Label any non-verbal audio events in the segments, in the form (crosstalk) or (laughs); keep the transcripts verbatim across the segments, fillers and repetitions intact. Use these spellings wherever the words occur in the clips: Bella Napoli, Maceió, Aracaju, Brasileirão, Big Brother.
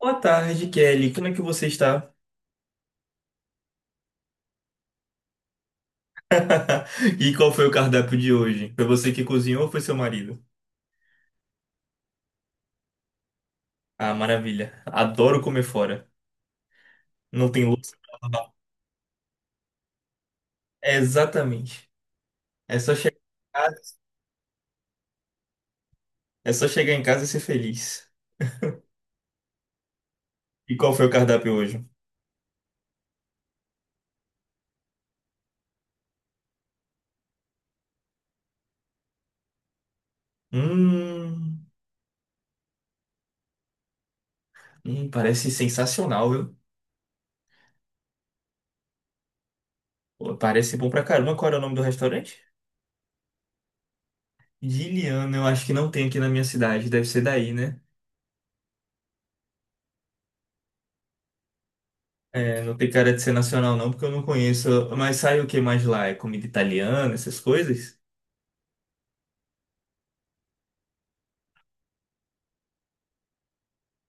Boa tarde, Kelly. Como é que você está? (laughs) E qual foi o cardápio de hoje? Foi você que cozinhou ou foi seu marido? Ah, maravilha. Adoro comer fora. Não tem louça pra lavar. É exatamente. É só chegar em casa, é só chegar em casa e ser feliz. E qual foi o cardápio hoje? Hum, hum, parece sensacional, viu? Pô, parece bom pra caramba. Qual era o nome do restaurante? Giliano, eu acho que não tem aqui na minha cidade. Deve ser daí, né? É, não tem cara de ser nacional não, porque eu não conheço. Mas sai o que mais lá? É comida italiana, essas coisas?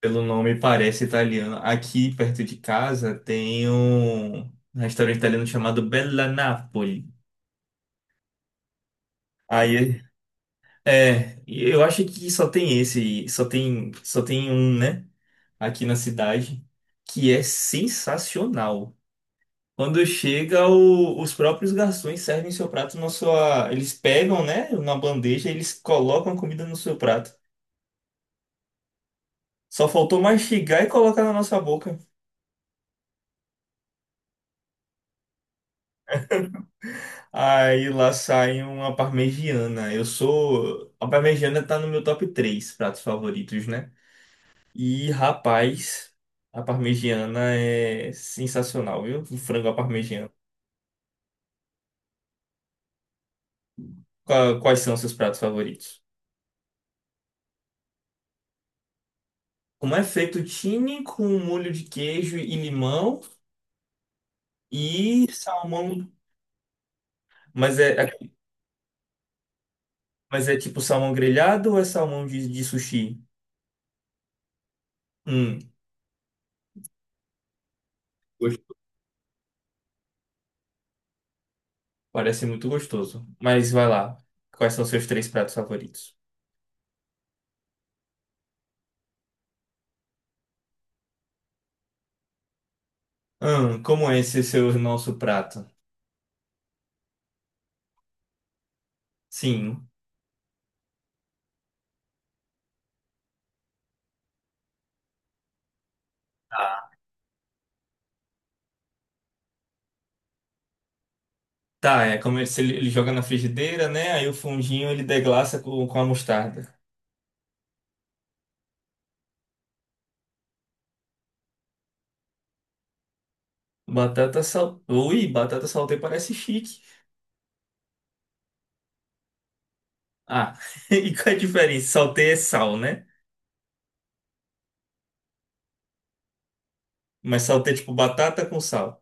Pelo nome parece italiano. Aqui perto de casa tem um restaurante italiano chamado Bella Napoli. Aí é, e eu acho que só tem esse, só tem, só tem um, né? Aqui na cidade, que é sensacional. Quando chega, o- os próprios garçons servem seu prato na sua. Eles pegam, né, na bandeja, eles colocam a comida no seu prato. Só faltou mastigar e colocar na nossa boca. Aí lá sai uma parmegiana. Eu sou. A parmegiana tá no meu top três pratos favoritos, né? E rapaz, a parmegiana é sensacional, viu? O frango à parmegiana. Qua- Quais são seus pratos favoritos? Como é feito fettuccine com molho de queijo e limão e salmão. Mas é, mas é tipo salmão grelhado ou é salmão de, de sushi? Hum. Parece muito gostoso. Mas vai lá. Quais são seus três pratos favoritos? Hum, como é esse seu nosso prato? Sim. Tá, é como se ele, ele joga na frigideira, né? Aí o fundinho ele deglaça com, com a mostarda. Batata sal... Ui, batata saltei parece chique. Ah, (laughs) e qual é a diferença? Saltei é sal, né? Mas saltei é tipo batata com sal.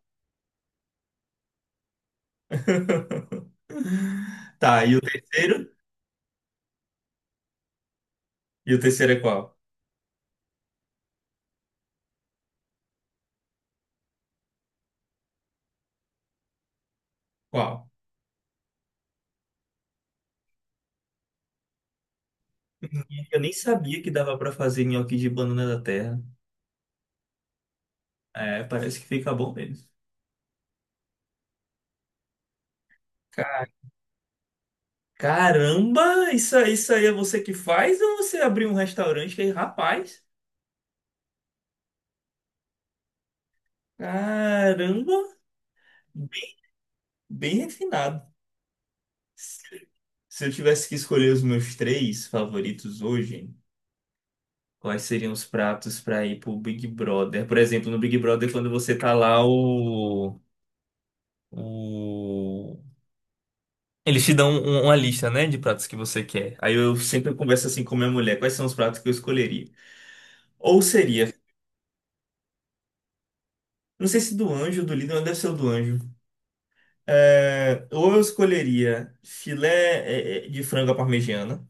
(laughs) Tá, e o terceiro? E o terceiro é qual? Qual? Eu nem sabia que dava pra fazer nhoque de banana da terra. É, parece que fica bom mesmo. Caramba, isso, isso aí é você que faz ou você abriu um restaurante que rapaz? Caramba, bem, bem refinado. Se eu tivesse que escolher os meus três favoritos hoje, quais seriam os pratos para ir pro Big Brother? Por exemplo, no Big Brother, quando você tá lá, o, o... Eles te dão um- uma lista, né, de pratos que você quer. Aí eu sempre converso assim com minha mulher, quais são os pratos que eu escolheria? Ou seria, não sei se do anjo, ou do líder, mas deve ser o do anjo. É, ou eu escolheria filé é, é, de frango à parmegiana,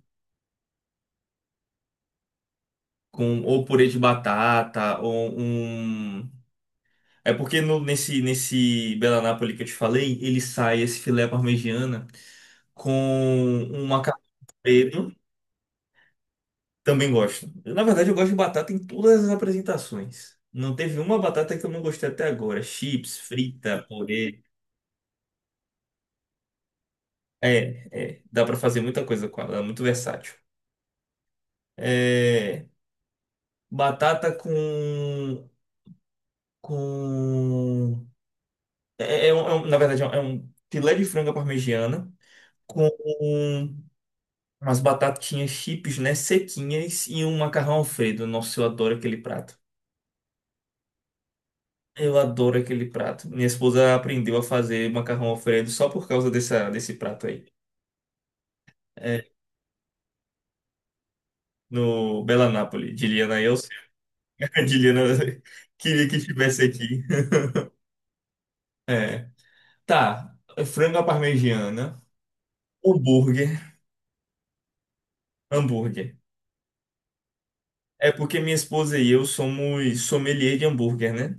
com, ou purê de batata, ou um. É porque no- nesse, nesse Bela Napoli que eu te falei, ele sai esse filé à parmegiana com um macarrão preto. Também gosto. Na verdade, eu gosto de batata em todas as apresentações. Não teve uma batata que eu não gostei até agora. Chips, frita, purê. É, é, dá pra fazer muita coisa com ela, é muito versátil. É, batata com com. É, é um- é um- na verdade, é um, é um filé de frango parmegiana com umas batatinhas chips, né? Sequinhas e um macarrão Alfredo. Nossa, eu adoro aquele prato. Eu adoro aquele prato. Minha esposa aprendeu a fazer macarrão Alfredo só por causa dessa, desse prato aí. É, no Bela Nápoles. Diliana, eu sei. Diliana (laughs) queria que tivesse aqui. É. Tá. Frango à parmegiana. Hambúrguer. Hambúrguer. É porque minha esposa e eu somos sommelier de hambúrguer, né?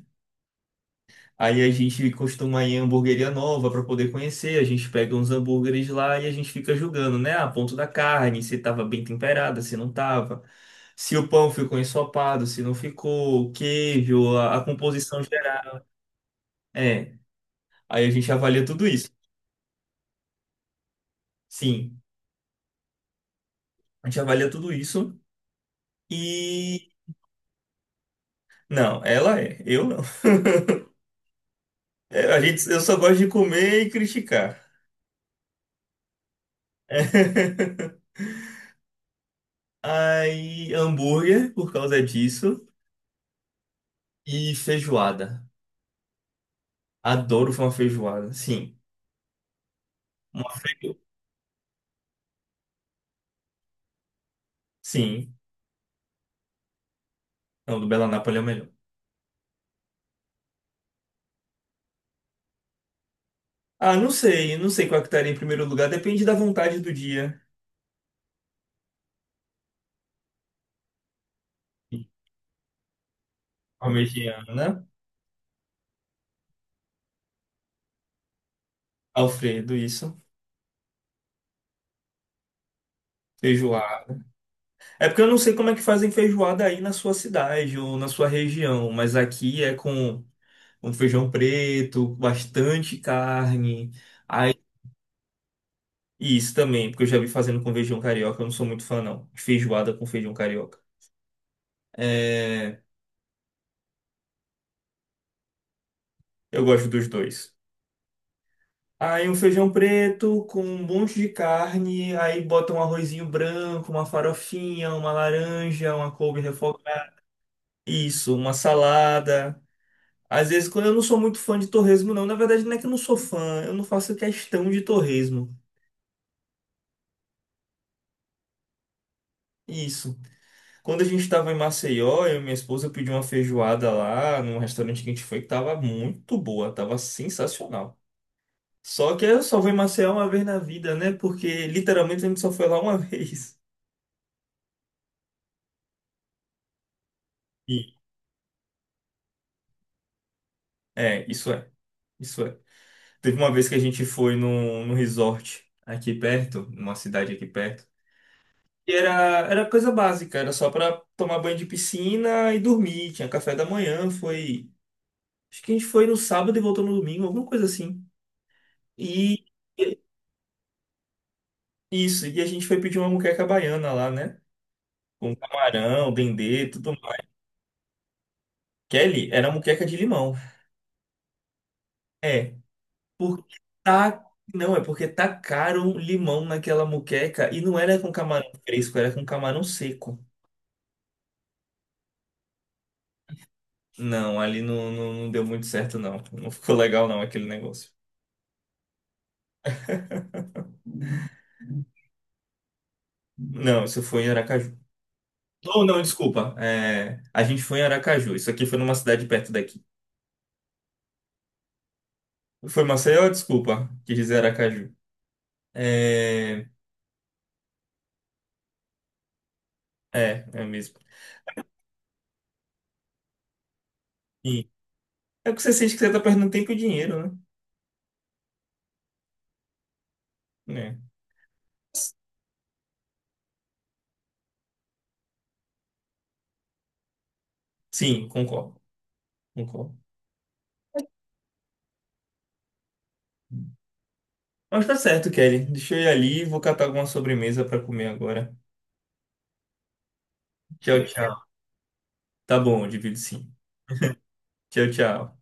Aí a gente costuma ir em hamburgueria nova para poder conhecer, a gente pega uns hambúrgueres lá e a gente fica julgando, né? A ponto da carne, se tava bem temperada, se não tava, se o pão ficou ensopado, se não ficou, o queijo, a, a composição geral. É, aí a gente avalia tudo isso. Sim, a gente avalia tudo isso e não, ela é, eu não. É, a gente, eu só gosto de comer e criticar. (laughs) Aí, hambúrguer por causa disso. E feijoada. Adoro uma feijoada. Sim. Uma feijoada. Sim. Não, do Bela Nápoles é o melhor. Ah, não sei. Não sei qual é que estaria em primeiro lugar. Depende da vontade do dia. Parmegiana. Alfredo, isso. Feijoada. É porque eu não sei como é que fazem feijoada aí na sua cidade ou na sua região. Mas aqui é com um feijão preto, bastante carne. E isso também, porque eu já vi fazendo com feijão carioca, eu não sou muito fã, não. De feijoada com feijão carioca. É, eu gosto dos dois. Aí um feijão preto com um monte de carne, aí bota um arrozinho branco, uma farofinha, uma laranja, uma couve refogada. Isso, uma salada. Às vezes, quando eu não sou muito fã de torresmo, não. Na verdade, não é que eu não sou fã, eu não faço questão de torresmo. Isso. Quando a gente estava em Maceió, eu e minha esposa pedi uma feijoada lá num restaurante que a gente foi que tava muito boa, tava sensacional. Só que eu só vou em Maceió uma vez na vida, né? Porque literalmente a gente só foi lá uma (laughs) vez. E é, isso é. Isso é. Teve uma vez que a gente foi num, num resort aqui perto, numa cidade aqui perto. E era, era coisa básica, era só pra tomar banho de piscina e dormir. Tinha café da manhã, foi. Acho que a gente foi no sábado e voltou no domingo, alguma coisa assim. E isso, e a gente foi pedir uma moqueca baiana lá, né? Com camarão, dendê, tudo mais. Kelly, era moqueca de limão. É, porque tá. Não, é porque tacaram limão naquela moqueca e não era com camarão fresco, era com camarão seco. Não, ali não, não, não deu muito certo, não. Não ficou legal, não, aquele negócio. Não, isso foi em Aracaju. Ou não, desculpa. É, a gente foi em Aracaju. Isso aqui foi numa cidade perto daqui. Foi Maceió, desculpa. Quis dizer Aracaju. É, é, é mesmo. É o que você sente que você tá perdendo tempo e dinheiro, né? É. Sim, concordo, concordo. Mas tá certo, Kelly. Deixa eu ir ali, e vou catar alguma sobremesa pra comer agora. Tchau, tchau. Tá bom, eu divido sim. Tchau, tchau.